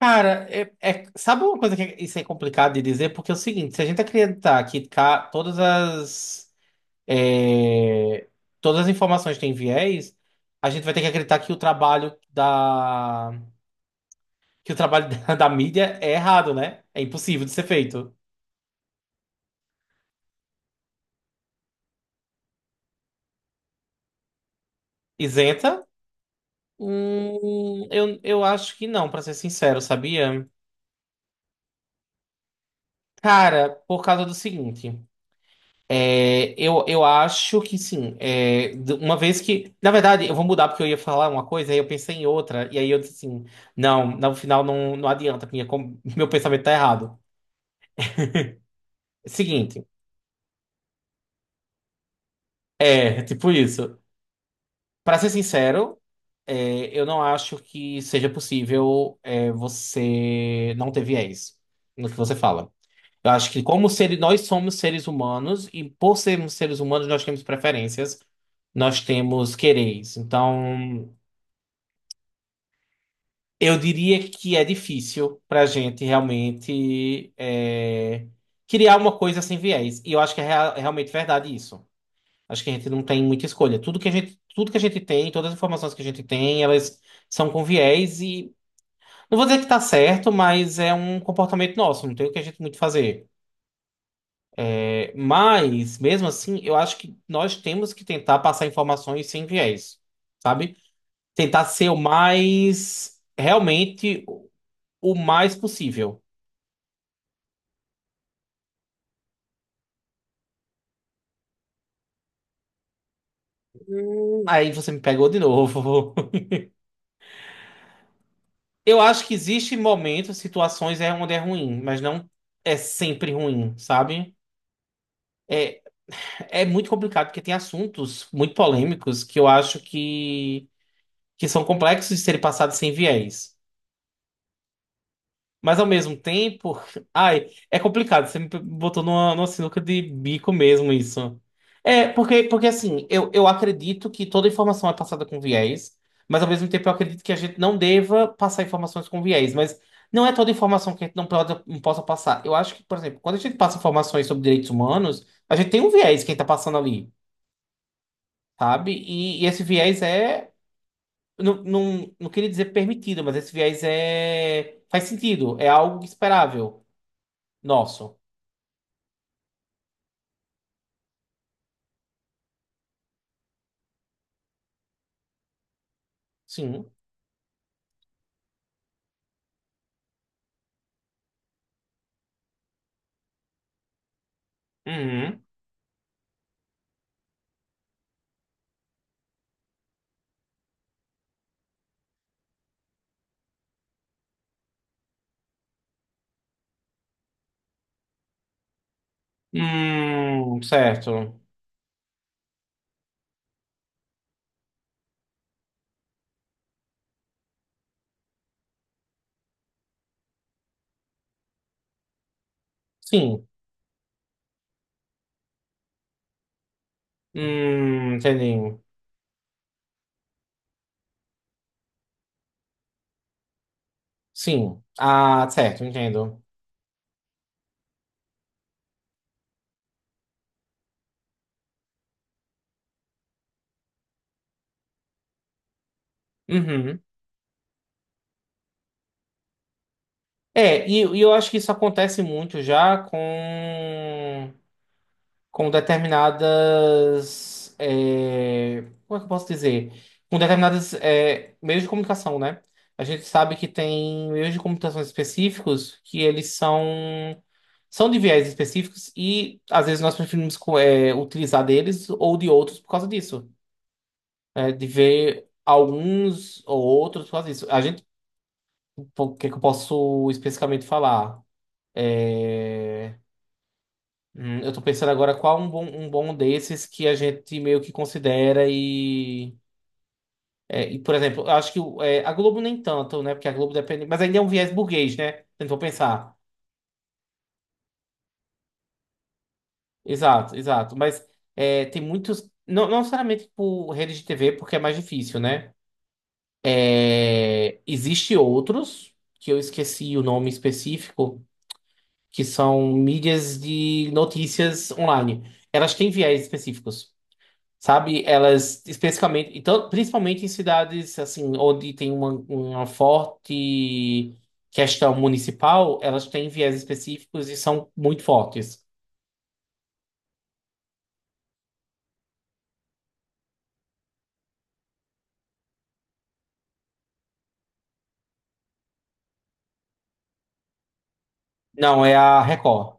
Cara, sabe uma coisa que isso é complicado de dizer? Porque é o seguinte, se a gente acreditar que todas é, as informações têm viés, a gente vai ter que acreditar que o trabalho da que o trabalho da mídia é errado, né? É impossível de ser feito. Isenta? Eu acho que não, pra ser sincero, sabia? Cara, por causa do seguinte. Eu acho que sim. Uma vez que. Na verdade, eu vou mudar porque eu ia falar uma coisa, aí eu pensei em outra, e aí eu disse assim: não, no final não, não adianta, porque meu pensamento tá errado. Seguinte, tipo isso. Pra ser sincero, eu não acho que seja possível você não ter viés no que você fala. Eu acho que, como seres, nós somos seres humanos, e por sermos seres humanos, nós temos preferências, nós temos quereres. Então. Eu diria que é difícil para a gente realmente criar uma coisa sem viés. E eu acho que é realmente verdade isso. Acho que a gente não tem muita escolha. Tudo que a gente tem, todas as informações que a gente tem, elas são com viés e não vou dizer que está certo, mas é um comportamento nosso. Não tem o que a gente muito fazer. É, mas mesmo assim, eu acho que nós temos que tentar passar informações sem viés, sabe? Tentar ser o mais realmente o mais possível. Aí você me pegou de novo. Eu acho que existem momentos, situações onde é ruim, mas não é sempre ruim, sabe? É muito complicado porque tem assuntos muito polêmicos que que são complexos de serem passados sem viés. Mas ao mesmo tempo, ai, é complicado. Você me botou numa sinuca de bico mesmo isso. Porque assim, eu acredito que toda informação é passada com viés, mas ao mesmo tempo eu acredito que a gente não deva passar informações com viés. Mas não é toda informação que a gente não possa passar. Eu acho que, por exemplo, quando a gente passa informações sobre direitos humanos, a gente tem um viés quem tá passando ali, sabe? E esse viés é. Não, não, não queria dizer permitido, mas esse viés, faz sentido, é algo esperável. Nosso. Sim. Uhum. Certo. Sim. Entendi. Sim. Ah, certo, entendo. Uhum. E eu acho que isso acontece muito já com determinadas. Como é que eu posso dizer? Com determinadas meios de comunicação, né? A gente sabe que tem meios de comunicação específicos que eles são. São de viés específicos e às vezes nós preferimos utilizar deles ou de outros por causa disso. É, de ver alguns ou outros por causa disso. A gente, o que é que eu posso especificamente falar? É, eu tô pensando agora qual um bom desses que a gente meio que considera e. Por exemplo, eu acho que a Globo nem tanto, né? Porque a Globo depende. Mas ainda é um viés burguês, né? Se a gente for pensar. Exato, exato. Mas tem muitos. Não, não necessariamente por rede de TV, porque é mais difícil, né? É, existe outros, que eu esqueci o nome específico, que são mídias de notícias online. Elas têm viés específicos, sabe? Elas, especificamente, então, principalmente em cidades, assim, onde tem uma forte questão municipal, elas têm viés específicos e são muito fortes. Não, é a Record.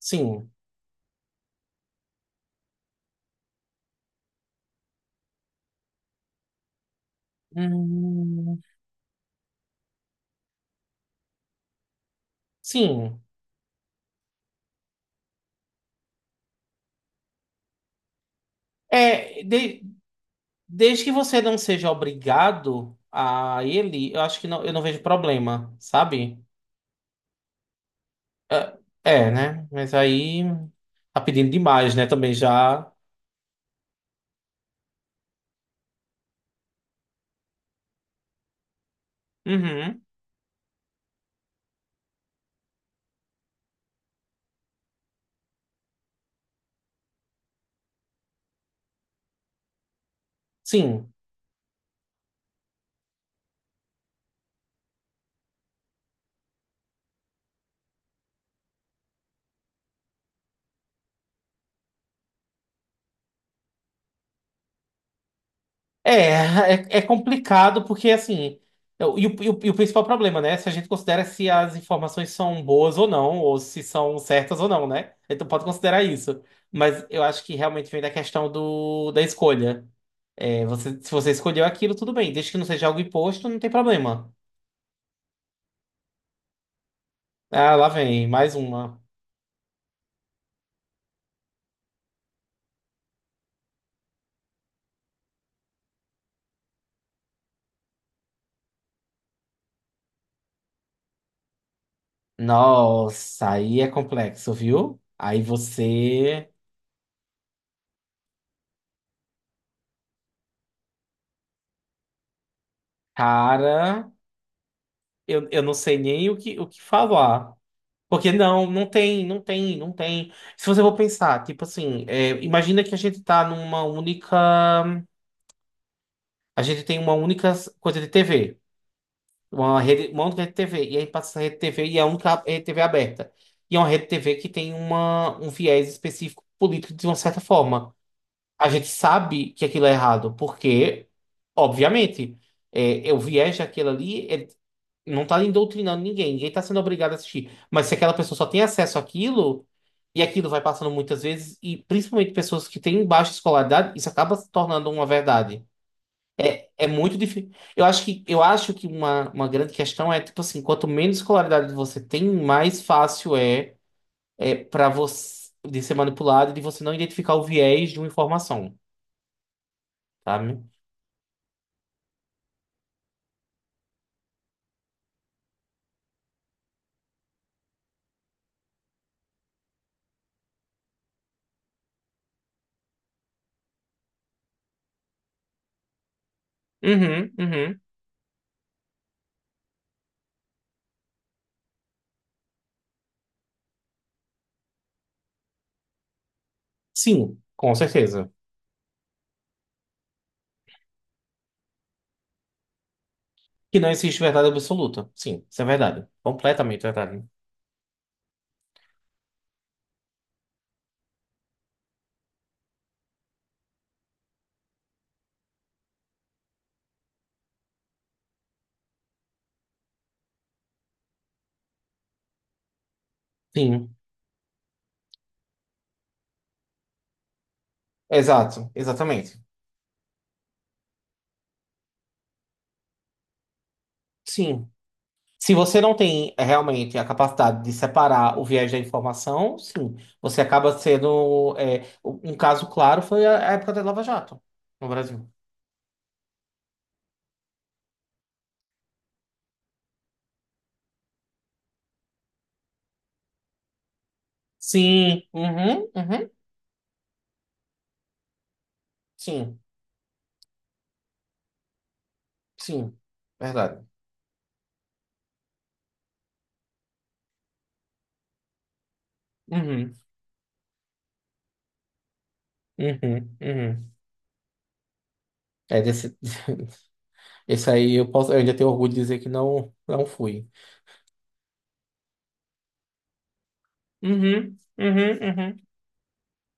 Sim. Hum, sim. É, de- Desde que você não seja obrigado a ele, eu acho que não, eu não vejo problema, sabe? É, né? Mas aí tá pedindo demais, né? Também já. Uhum. Sim. É, é, é complicado porque assim. E o principal problema, né? Se a gente considera se as informações são boas ou não, ou se são certas ou não, né? Então pode considerar isso. Mas eu acho que realmente vem da questão da escolha. É, você, se você escolheu aquilo, tudo bem. Desde que não seja algo imposto, não tem problema. Ah, lá vem, mais uma. Nossa, aí é complexo, viu? Aí você, cara, eu não sei nem o que falar. Porque não tem. Se você for pensar, tipo assim, é, imagina que a gente tá numa única. A gente tem uma única coisa de TV. Uma rede, uma única rede TV. E aí passa essa rede TV e é a única rede TV aberta. E é uma rede TV que tem uma, um viés específico político de uma certa forma. A gente sabe que aquilo é errado, porque, obviamente, é o viés daquilo ali não está indoutrinando ninguém, ninguém está sendo obrigado a assistir. Mas se aquela pessoa só tem acesso àquilo, e aquilo vai passando muitas vezes, e principalmente pessoas que têm baixa escolaridade, isso acaba se tornando uma verdade. É, é muito difícil. Eu acho que uma grande questão é, tipo assim, quanto menos escolaridade você tem, mais fácil é, é para você de ser manipulado e de você não identificar o viés de uma informação, sabe? Uhum, uhum. Sim, com certeza. Que não existe verdade absoluta. Sim, isso é verdade. Completamente verdade. Sim, exato, exatamente. Sim. Se você não tem realmente a capacidade de separar o viés da informação, sim, você acaba sendo. É, um caso claro foi a época da Lava Jato no Brasil. Sim, uhum, uhum, sim, sim, verdade. Uhum, uhum, uhum. É desse, esse aí eu posso, eu ainda tenho orgulho de dizer que não, não fui. Uhum, uhum, uhum.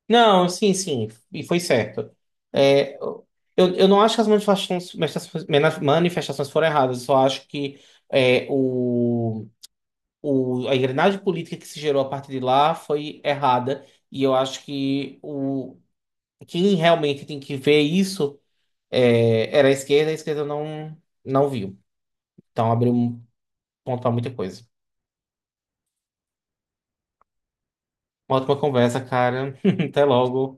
Não, sim, sim, e foi certo. É, eu, eu não acho que as manifestações foram erradas, eu só acho que é, o, o, a engrenagem política que se gerou a partir de lá foi errada, e eu acho que o, quem realmente tem que ver isso era a esquerda, e a esquerda não viu. Então abriu um ponto para muita coisa. Uma ótima conversa, cara. Até logo.